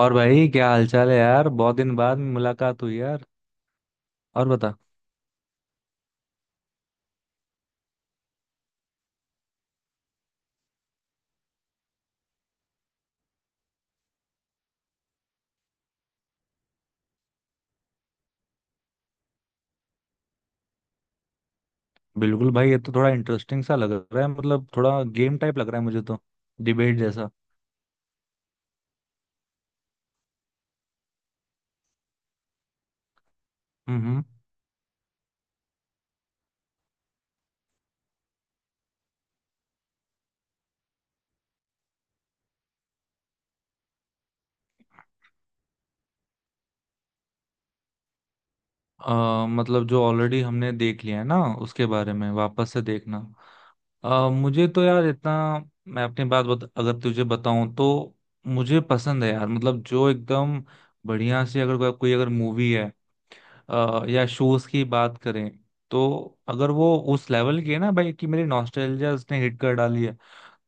और भाई क्या हालचाल है यार। बहुत दिन बाद मुलाकात हुई यार। और बता। बिल्कुल भाई, ये तो थोड़ा इंटरेस्टिंग सा लग रहा है। मतलब थोड़ा गेम टाइप लग रहा है मुझे तो। डिबेट जैसा। हम्म। मतलब जो ऑलरेडी हमने देख लिया है ना, उसके बारे में वापस से देखना। मुझे तो यार इतना। मैं अपनी बात बता, अगर तुझे बताऊं तो मुझे पसंद है यार। मतलब जो एकदम बढ़िया सी अगर कोई कोई अगर मूवी है, या शूज की बात करें, तो अगर वो उस लेवल की है ना भाई, कि मेरी नॉस्टैल्जिया उसने हिट कर डाली है,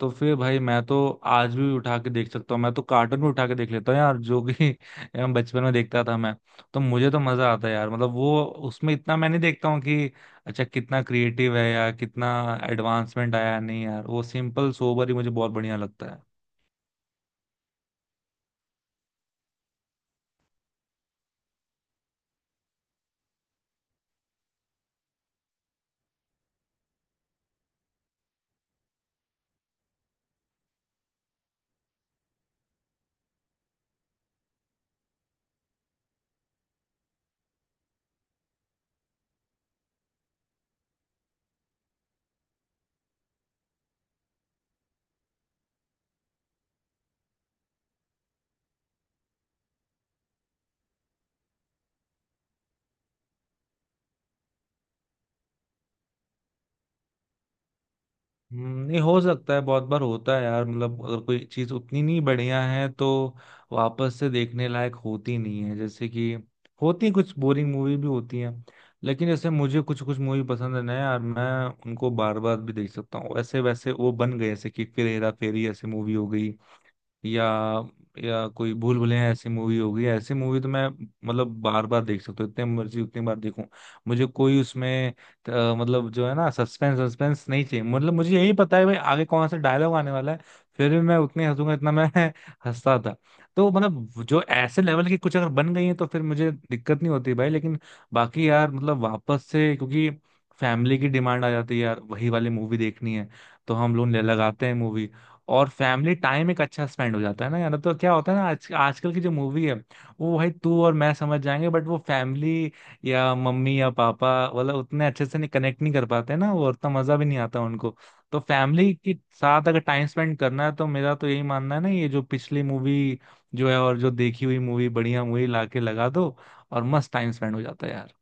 तो फिर भाई मैं तो आज भी उठा के देख सकता हूँ। मैं तो कार्टून भी उठा के देख लेता हूँ यार, जो कि हम बचपन में देखता था मैं। तो मुझे तो मजा आता है यार। मतलब वो उसमें इतना मैं नहीं देखता हूँ कि अच्छा, कितना क्रिएटिव है या कितना एडवांसमेंट आया। नहीं यार, वो सिंपल सोबर ही मुझे बहुत बढ़िया लगता है। नहीं। हो सकता है, बहुत बार होता है यार। मतलब अगर कोई चीज उतनी नहीं बढ़िया है तो वापस से देखने लायक होती नहीं है। जैसे कि होती हैं, कुछ बोरिंग मूवी भी होती हैं। लेकिन जैसे मुझे कुछ कुछ मूवी पसंद है ना यार, मैं उनको बार बार भी देख सकता हूँ। वैसे वैसे वो बन गए, जैसे कि फिर हेरा फेरी ऐसी मूवी हो गई, या या कोई भूल भुलैया ऐसी मूवी होगी। ऐसी मूवी तो मैं, मतलब बार बार देख सकता हूँ, इतने मर्जी उतनी बार देखूं, मुझे कोई उसमें मतलब जो है ना, सस्पेंस सस्पेंस नहीं चाहिए। मतलब मुझे यही पता है भाई आगे कौन सा डायलॉग आने वाला है, फिर भी मैं उतने हंसूंगा इतना मैं हंसता था। तो मतलब जो ऐसे लेवल की कुछ अगर बन गई है तो फिर मुझे दिक्कत नहीं होती भाई। लेकिन बाकी यार, मतलब वापस से, क्योंकि फैमिली की डिमांड आ जाती है यार, वही वाली मूवी देखनी है, तो हम लोग लगाते हैं मूवी। और फैमिली टाइम एक अच्छा स्पेंड हो जाता है ना यार। तो क्या होता है ना, आज आजकल की जो मूवी है, वो भाई तू और मैं समझ जाएंगे, बट वो फैमिली या मम्मी या पापा मतलब उतने अच्छे से नहीं कनेक्ट नहीं कर पाते ना, वो उतना मजा भी नहीं आता उनको। तो फैमिली के साथ अगर टाइम स्पेंड करना है, तो मेरा तो यही मानना है ना, ये जो पिछली मूवी जो है और जो देखी हुई मूवी, बढ़िया मूवी लाके लगा दो और मस्त टाइम स्पेंड हो जाता है यार।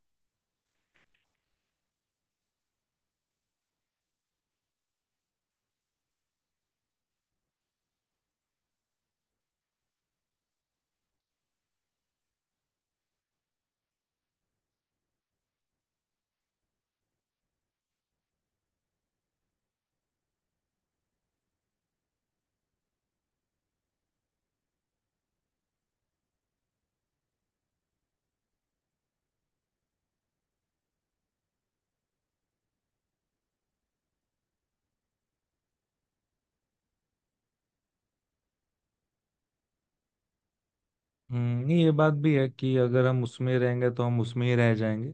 नहीं, ये बात भी है कि अगर हम उसमें रहेंगे तो हम उसमें ही रह जाएंगे।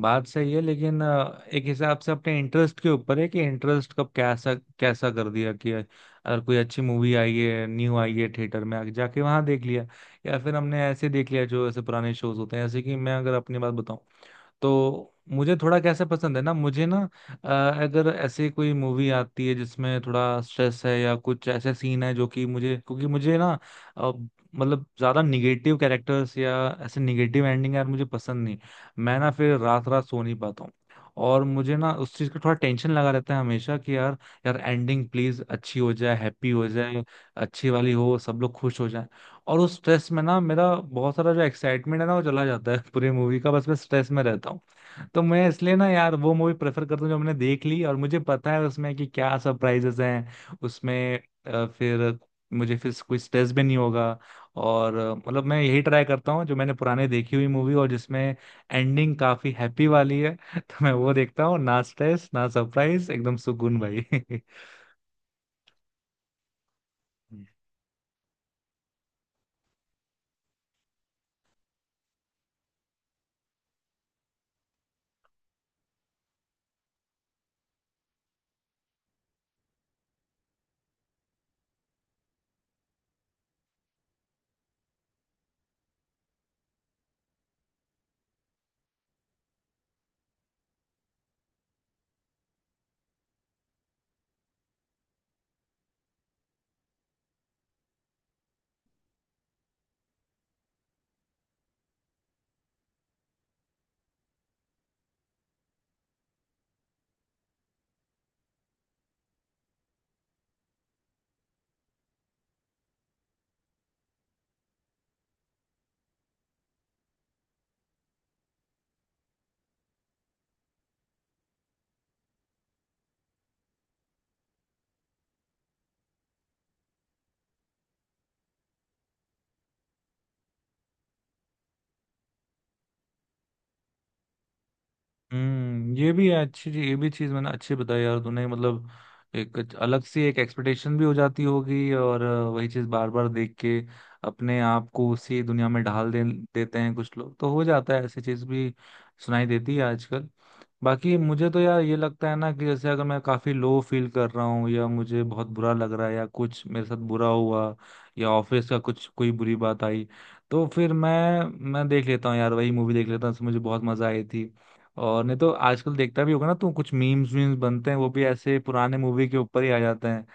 बात सही है, लेकिन एक हिसाब से अपने इंटरेस्ट के ऊपर है कि इंटरेस्ट कब कैसा कैसा कर दिया, कि अगर कोई अच्छी मूवी आई है न्यू आई है, थिएटर में आके जाके वहां देख लिया, या फिर हमने ऐसे देख लिया जो ऐसे पुराने शोज होते हैं। जैसे कि मैं अगर अपनी बात बताऊं तो मुझे थोड़ा कैसे पसंद है ना, मुझे ना अ, अगर ऐसे कोई मूवी आती है जिसमें थोड़ा स्ट्रेस है या कुछ ऐसे सीन है, जो कि मुझे, क्योंकि मुझे ना अ, मतलब ज्यादा निगेटिव कैरेक्टर्स या ऐसे निगेटिव एंडिंग यार मुझे पसंद नहीं। मैं ना फिर रात रात सो नहीं पाता हूँ, और मुझे ना उस चीज का थोड़ा टेंशन लगा रहता है हमेशा कि यार, यार एंडिंग प्लीज अच्छी हो जाए, हैप्पी हो जाए, अच्छी वाली हो, सब लोग खुश हो जाए। और उस स्ट्रेस में ना मेरा बहुत सारा जो एक्साइटमेंट है ना वो चला जाता है पूरी मूवी का, बस मैं स्ट्रेस में रहता हूँ। तो मैं इसलिए ना यार वो मूवी प्रेफर करता हूँ जो मैंने देख ली और मुझे पता है उसमें कि क्या सरप्राइजेस हैं उसमें, फिर मुझे फिर कोई स्ट्रेस भी नहीं होगा। और मतलब मैं यही ट्राई करता हूँ जो मैंने पुराने देखी हुई मूवी और जिसमें एंडिंग काफी हैप्पी वाली है तो मैं वो देखता हूँ, ना स्ट्रेस ना सरप्राइज, एकदम सुकून भाई हम्म। हम्म, ये भी चीज मैंने अच्छी बताई यार तूने। मतलब एक अलग सी एक एक्सपेक्टेशन भी हो जाती होगी, और वही चीज बार बार देख के अपने आप को उसी दुनिया में ढाल दे देते हैं कुछ लोग। तो हो जाता है ऐसी चीज भी, सुनाई देती है आजकल। बाकी मुझे तो यार ये लगता है ना कि जैसे अगर मैं काफी लो फील कर रहा हूँ, या मुझे बहुत बुरा लग रहा है, या कुछ मेरे साथ बुरा हुआ, या ऑफिस का कुछ कोई बुरी बात आई, तो फिर मैं देख लेता हूँ यार, वही मूवी देख लेता हूँ जिसमें मुझे बहुत मजा आई थी। और नहीं तो आजकल देखता भी होगा ना तू, कुछ मीम्स वीम्स बनते हैं वो भी ऐसे पुराने मूवी के ऊपर ही आ जाते हैं।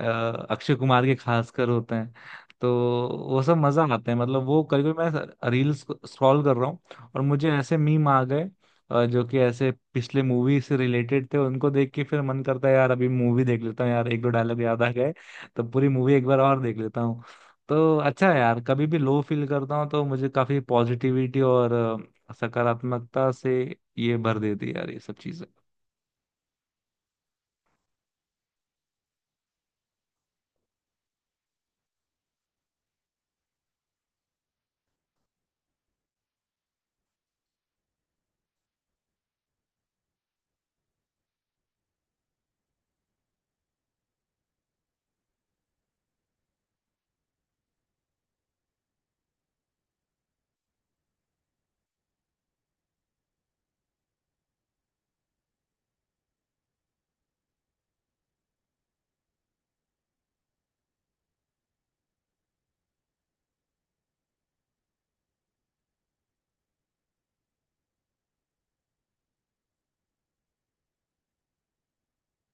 अक्षय कुमार के खासकर होते हैं, तो वो सब मजा आते हैं। मतलब वो कभी कभी मैं रील्स स्क्रॉल कर रहा हूँ और मुझे ऐसे मीम आ गए जो कि ऐसे पिछले मूवी से रिलेटेड थे, उनको देख के फिर मन करता है यार अभी मूवी देख लेता हूँ यार, एक दो डायलॉग याद आ गए, तो पूरी मूवी एक बार और देख लेता हूँ। तो अच्छा है यार, कभी भी लो फील करता हूँ तो मुझे काफी पॉजिटिविटी और सकारात्मकता से ये भर देती है यार, ये सब चीजें।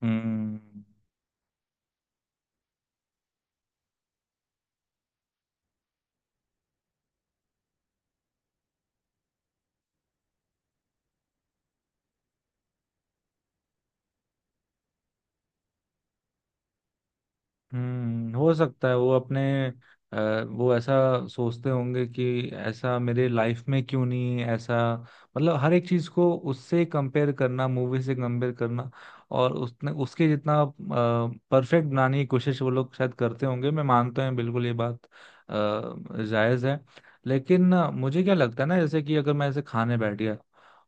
हम्म। हम्म, हो सकता है अ, वो ऐसा सोचते होंगे कि ऐसा मेरे लाइफ में क्यों नहीं, ऐसा मतलब हर एक चीज को उससे कंपेयर करना, मूवी से कंपेयर करना, और उसने उसके जितना परफेक्ट बनाने की कोशिश वो लोग शायद करते होंगे। मैं मानता हूँ बिल्कुल, ये बात जायज है। लेकिन मुझे क्या लगता है ना, जैसे कि अगर मैं ऐसे खाने बैठ गया,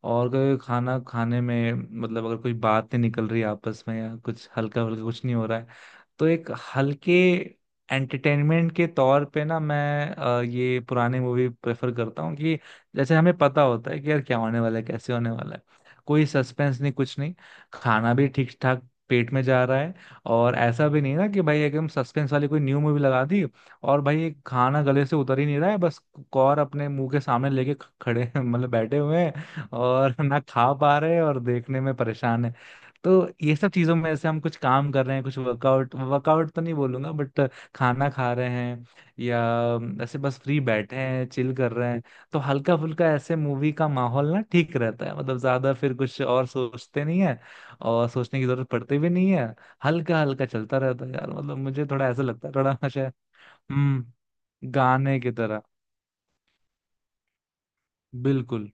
और अगर खाना खाने में मतलब अगर कोई बात नहीं निकल रही आपस में, या कुछ हल्का हल्का कुछ नहीं हो रहा है, तो एक हल्के एंटरटेनमेंट के तौर पे ना मैं ये पुराने मूवी प्रेफर करता हूँ। कि जैसे हमें पता होता है कि यार क्या होने वाला है कैसे होने वाला है, कोई सस्पेंस नहीं कुछ नहीं, खाना भी ठीक ठाक पेट में जा रहा है। और ऐसा भी नहीं ना कि भाई एकदम सस्पेंस वाली कोई न्यू मूवी लगा दी, और भाई ये खाना गले से उतर ही नहीं रहा है, बस कौर अपने मुंह के सामने लेके खड़े हैं, मतलब बैठे हुए हैं और ना खा पा रहे हैं और देखने में परेशान है। तो ये सब चीजों में ऐसे हम कुछ काम कर रहे हैं, कुछ वर्कआउट वर्कआउट तो नहीं बोलूंगा बट खाना खा रहे हैं, या ऐसे बस फ्री बैठे हैं चिल कर रहे हैं, तो हल्का फुल्का ऐसे मूवी का माहौल ना ठीक रहता है, मतलब ज्यादा फिर कुछ और सोचते नहीं है, और सोचने की जरूरत पड़ती भी नहीं है। हल्का हल्का चलता रहता है यार, मतलब मुझे थोड़ा ऐसा लगता है, थोड़ा शायद। हम्म। गाने की तरह। बिल्कुल।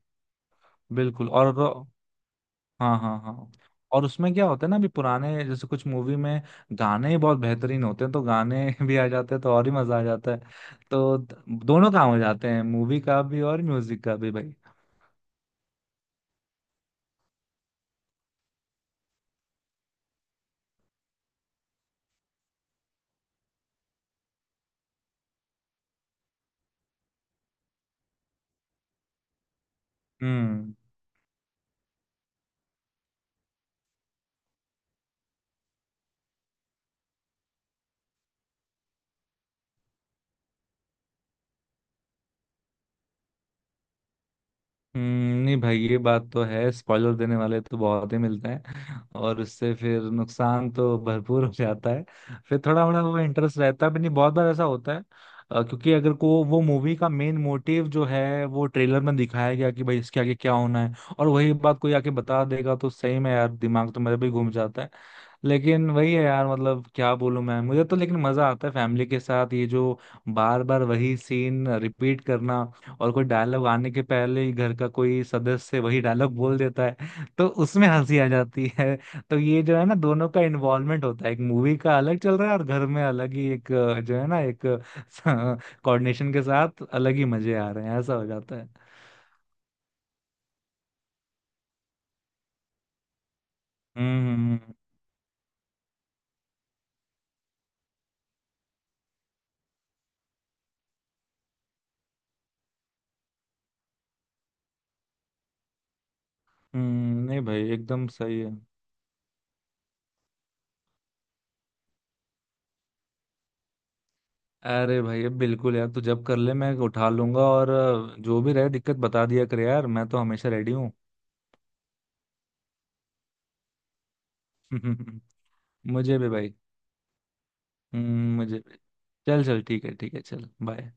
बिल्कुल। और हाँ हाँ हाँ। और उसमें क्या होता है ना, अभी पुराने जैसे कुछ मूवी में गाने ही बहुत बेहतरीन होते हैं, तो गाने भी आ जाते हैं, तो और ही मजा आ जाता है। तो दोनों काम हो जाते हैं मूवी का भी और म्यूजिक का भी भाई। हम्म। नहीं भाई ये बात तो है, स्पॉइलर देने वाले तो बहुत ही मिलते हैं और उससे फिर नुकसान तो भरपूर हो जाता है। फिर थोड़ा थोड़ा वो इंटरेस्ट रहता है भी नहीं, बहुत बार ऐसा होता है। क्योंकि अगर को वो मूवी का मेन मोटिव जो है वो ट्रेलर में दिखाया गया कि भाई इसके आगे क्या होना है, और वही बात कोई आके बता देगा, तो सही में यार दिमाग तो मेरा भी घूम जाता है। लेकिन वही है यार, मतलब क्या बोलूं मैं, मुझे तो लेकिन मजा आता है फैमिली के साथ, ये जो बार बार वही सीन रिपीट करना, और कोई डायलॉग आने के पहले ही घर का कोई सदस्य वही डायलॉग बोल देता है, तो उसमें हंसी आ जाती है। तो ये जो है ना, दोनों का इन्वॉल्वमेंट होता है, एक मूवी का अलग चल रहा है और घर में अलग ही एक जो है ना एक कोऑर्डिनेशन के साथ, अलग ही मजे आ रहे हैं। ऐसा हो जाता है। हम्म। हम्म। नहीं भाई एकदम सही है। अरे भाई अब बिल्कुल यार, तू जब कर ले मैं उठा लूंगा, और जो भी रहे दिक्कत बता दिया कर यार, मैं तो हमेशा रेडी हूँ मुझे भी भाई। मुझे भी। चल चल, ठीक है ठीक है, चल बाय।